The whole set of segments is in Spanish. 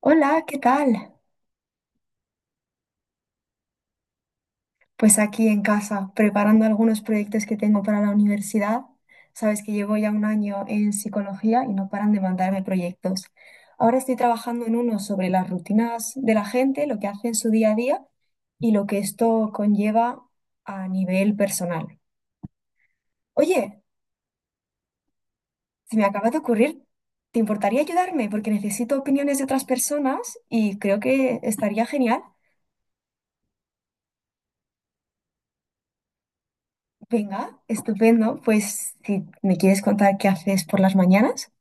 Hola, ¿qué tal? Pues aquí en casa, preparando algunos proyectos que tengo para la universidad. Sabes que llevo ya un año en psicología y no paran de mandarme proyectos. Ahora estoy trabajando en uno sobre las rutinas de la gente, lo que hace en su día a día y lo que esto conlleva a nivel personal. Oye, se me acaba de ocurrir, ¿te importaría ayudarme? Porque necesito opiniones de otras personas y creo que estaría genial. Venga, estupendo. Pues si me quieres contar qué haces por las mañanas,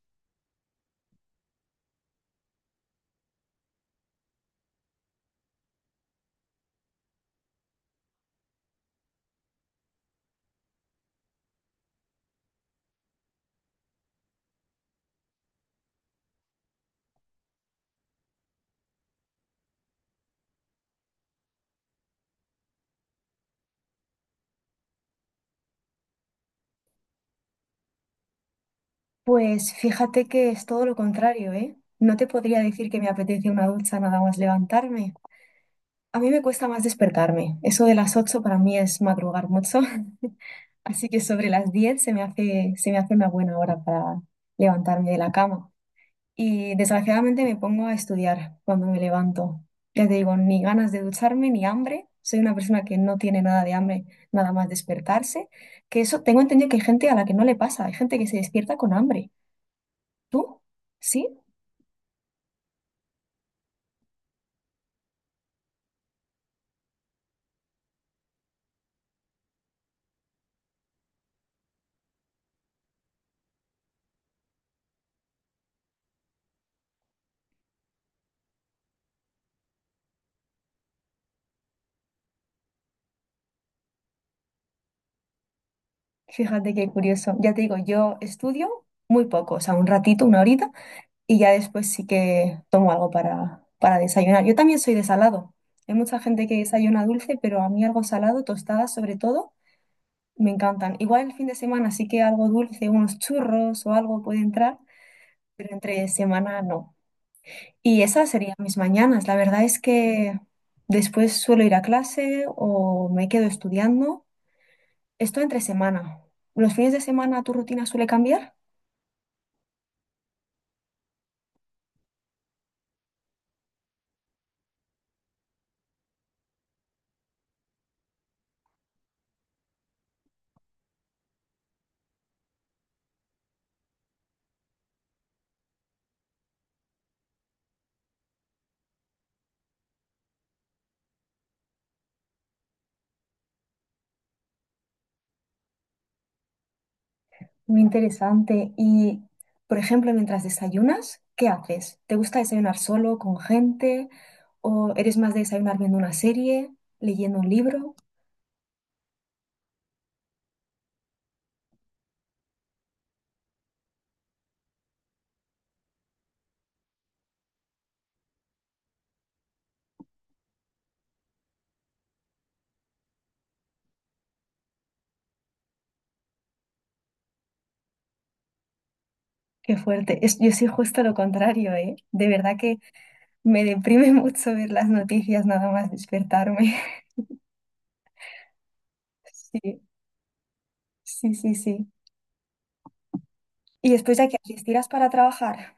pues fíjate que es todo lo contrario, ¿eh? No te podría decir que me apetece una ducha nada más levantarme. A mí me cuesta más despertarme. Eso de las 8 para mí es madrugar mucho, así que sobre las 10 se me hace una buena hora para levantarme de la cama. Y desgraciadamente me pongo a estudiar cuando me levanto. Ya te digo, ni ganas de ducharme, ni hambre. Soy una persona que no tiene nada de hambre, nada más despertarse. Que eso tengo entendido que hay gente a la que no le pasa. Hay gente que se despierta con hambre. ¿Tú? ¿Sí? Fíjate qué curioso. Ya te digo, yo estudio muy poco, o sea, un ratito, una horita, y ya después sí que tomo algo para desayunar. Yo también soy de salado. Hay mucha gente que desayuna dulce, pero a mí algo salado, tostadas sobre todo. Me encantan. Igual el fin de semana sí que algo dulce, unos churros o algo puede entrar, pero entre semana no. Y esas serían mis mañanas. La verdad es que después suelo ir a clase o me quedo estudiando. Esto entre semana. ¿Los fines de semana tu rutina suele cambiar? Muy interesante. Y, por ejemplo, mientras desayunas, ¿qué haces? ¿Te gusta desayunar solo, con gente? ¿O eres más de desayunar viendo una serie, leyendo un libro? Qué fuerte. Yo soy justo lo contrario, ¿eh? De verdad que me deprime mucho ver las noticias nada más despertarme. Sí, sí, sí, sí. Y después ya que haces, ¿tiras para trabajar?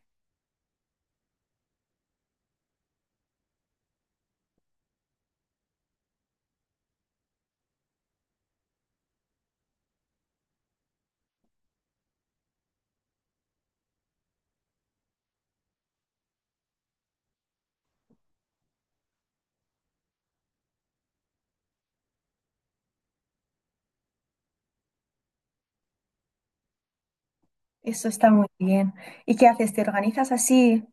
Eso está muy bien. ¿Y qué haces? ¿Te organizas así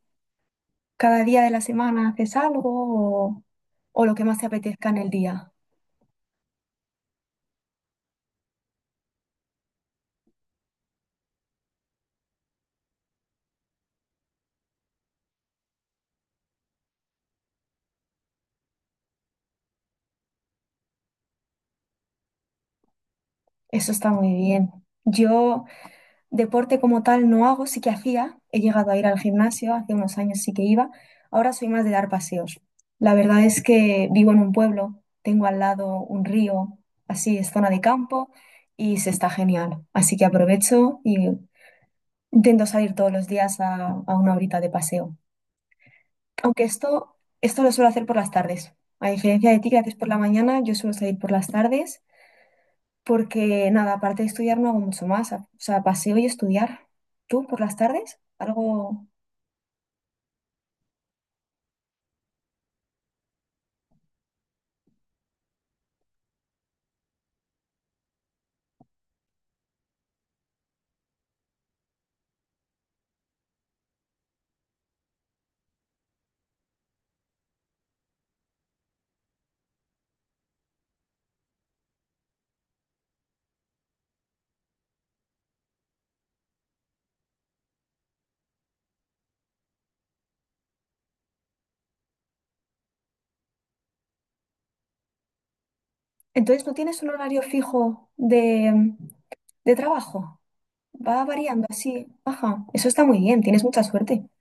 cada día de la semana? ¿Haces algo o lo que más te apetezca en el día? Eso está muy bien. Yo deporte como tal no hago, sí que hacía. He llegado a ir al gimnasio, hace unos años sí que iba. Ahora soy más de dar paseos. La verdad es que vivo en un pueblo, tengo al lado un río, así es zona de campo y se está genial. Así que aprovecho y intento salir todos los días a una horita de paseo. Aunque esto lo suelo hacer por las tardes. A diferencia de ti que haces por la mañana, yo suelo salir por las tardes porque, nada, aparte de estudiar no hago mucho más. O sea, paseo y estudiar. ¿Tú por las tardes? Algo... Entonces, ¿no tienes un horario fijo de trabajo? Va variando así. Ajá, eso está muy bien, tienes mucha suerte.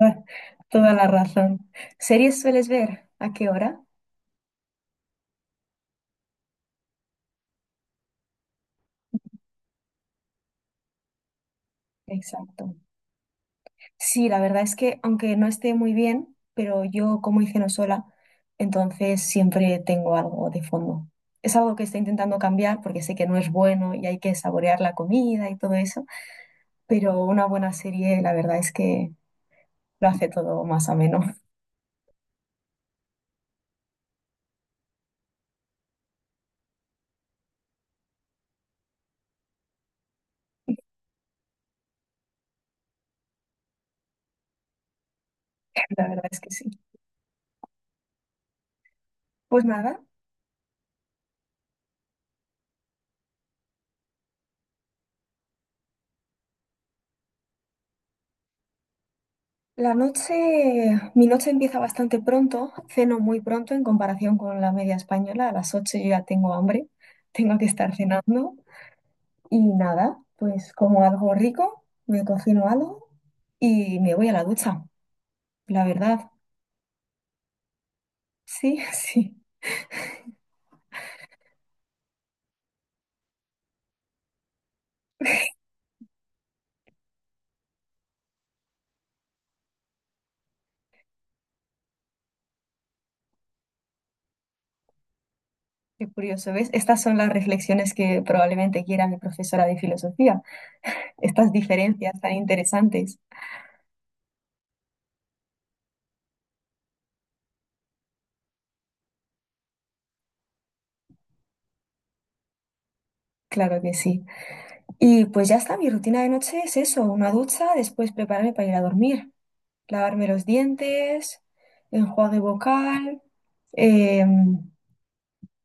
Ah, toda la razón. ¿Series sueles ver? ¿A qué hora? Exacto. Sí, la verdad es que aunque no esté muy bien, pero yo como hice no sola, entonces siempre tengo algo de fondo. Es algo que estoy intentando cambiar porque sé que no es bueno y hay que saborear la comida y todo eso, pero una buena serie la verdad es que lo hace todo más ameno. La verdad es que sí. Pues nada, la noche, mi noche empieza bastante pronto, ceno muy pronto en comparación con la media española, a las 8 yo ya tengo hambre, tengo que estar cenando. Y nada, pues como algo rico, me cocino algo y me voy a la ducha, la verdad. Sí, sí. Qué curioso, ¿ves? Estas son las reflexiones que probablemente quiera mi profesora de filosofía, estas diferencias tan interesantes. Claro que sí. Y pues ya está, mi rutina de noche es eso, una ducha, después prepararme para ir a dormir, lavarme los dientes, enjuague vocal, em,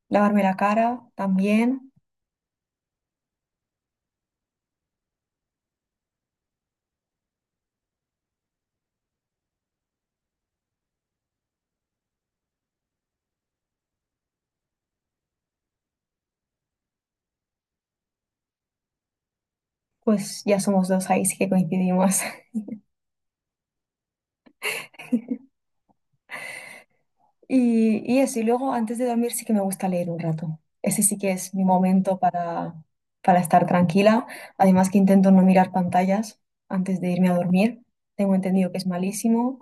lavarme la cara también. Pues ya somos dos ahí, sí que coincidimos. Y eso, y luego antes de dormir sí que me gusta leer un rato. Ese sí que es mi momento para estar tranquila. Además que intento no mirar pantallas antes de irme a dormir. Tengo entendido que es malísimo.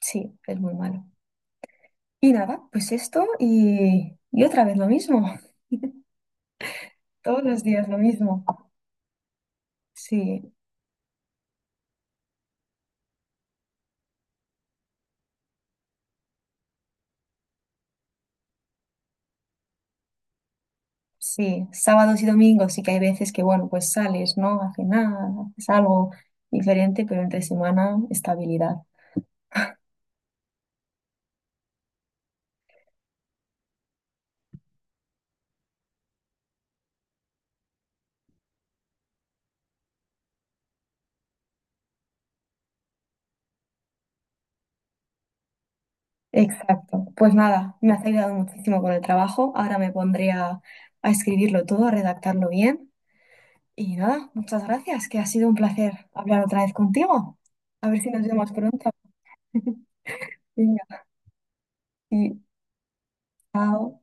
Sí, es muy malo. Y nada, pues esto y otra vez lo mismo. Todos los días lo mismo. Sí, sí. Sábados y domingos sí que hay veces que, bueno, pues sales, ¿no? A cenar, haces algo diferente, pero entre semana, estabilidad. Exacto. Pues nada, me has ayudado muchísimo con el trabajo. Ahora me pondré a escribirlo todo, a redactarlo bien. Y nada, muchas gracias, que ha sido un placer hablar otra vez contigo. A ver si nos vemos pronto. Venga, y chao.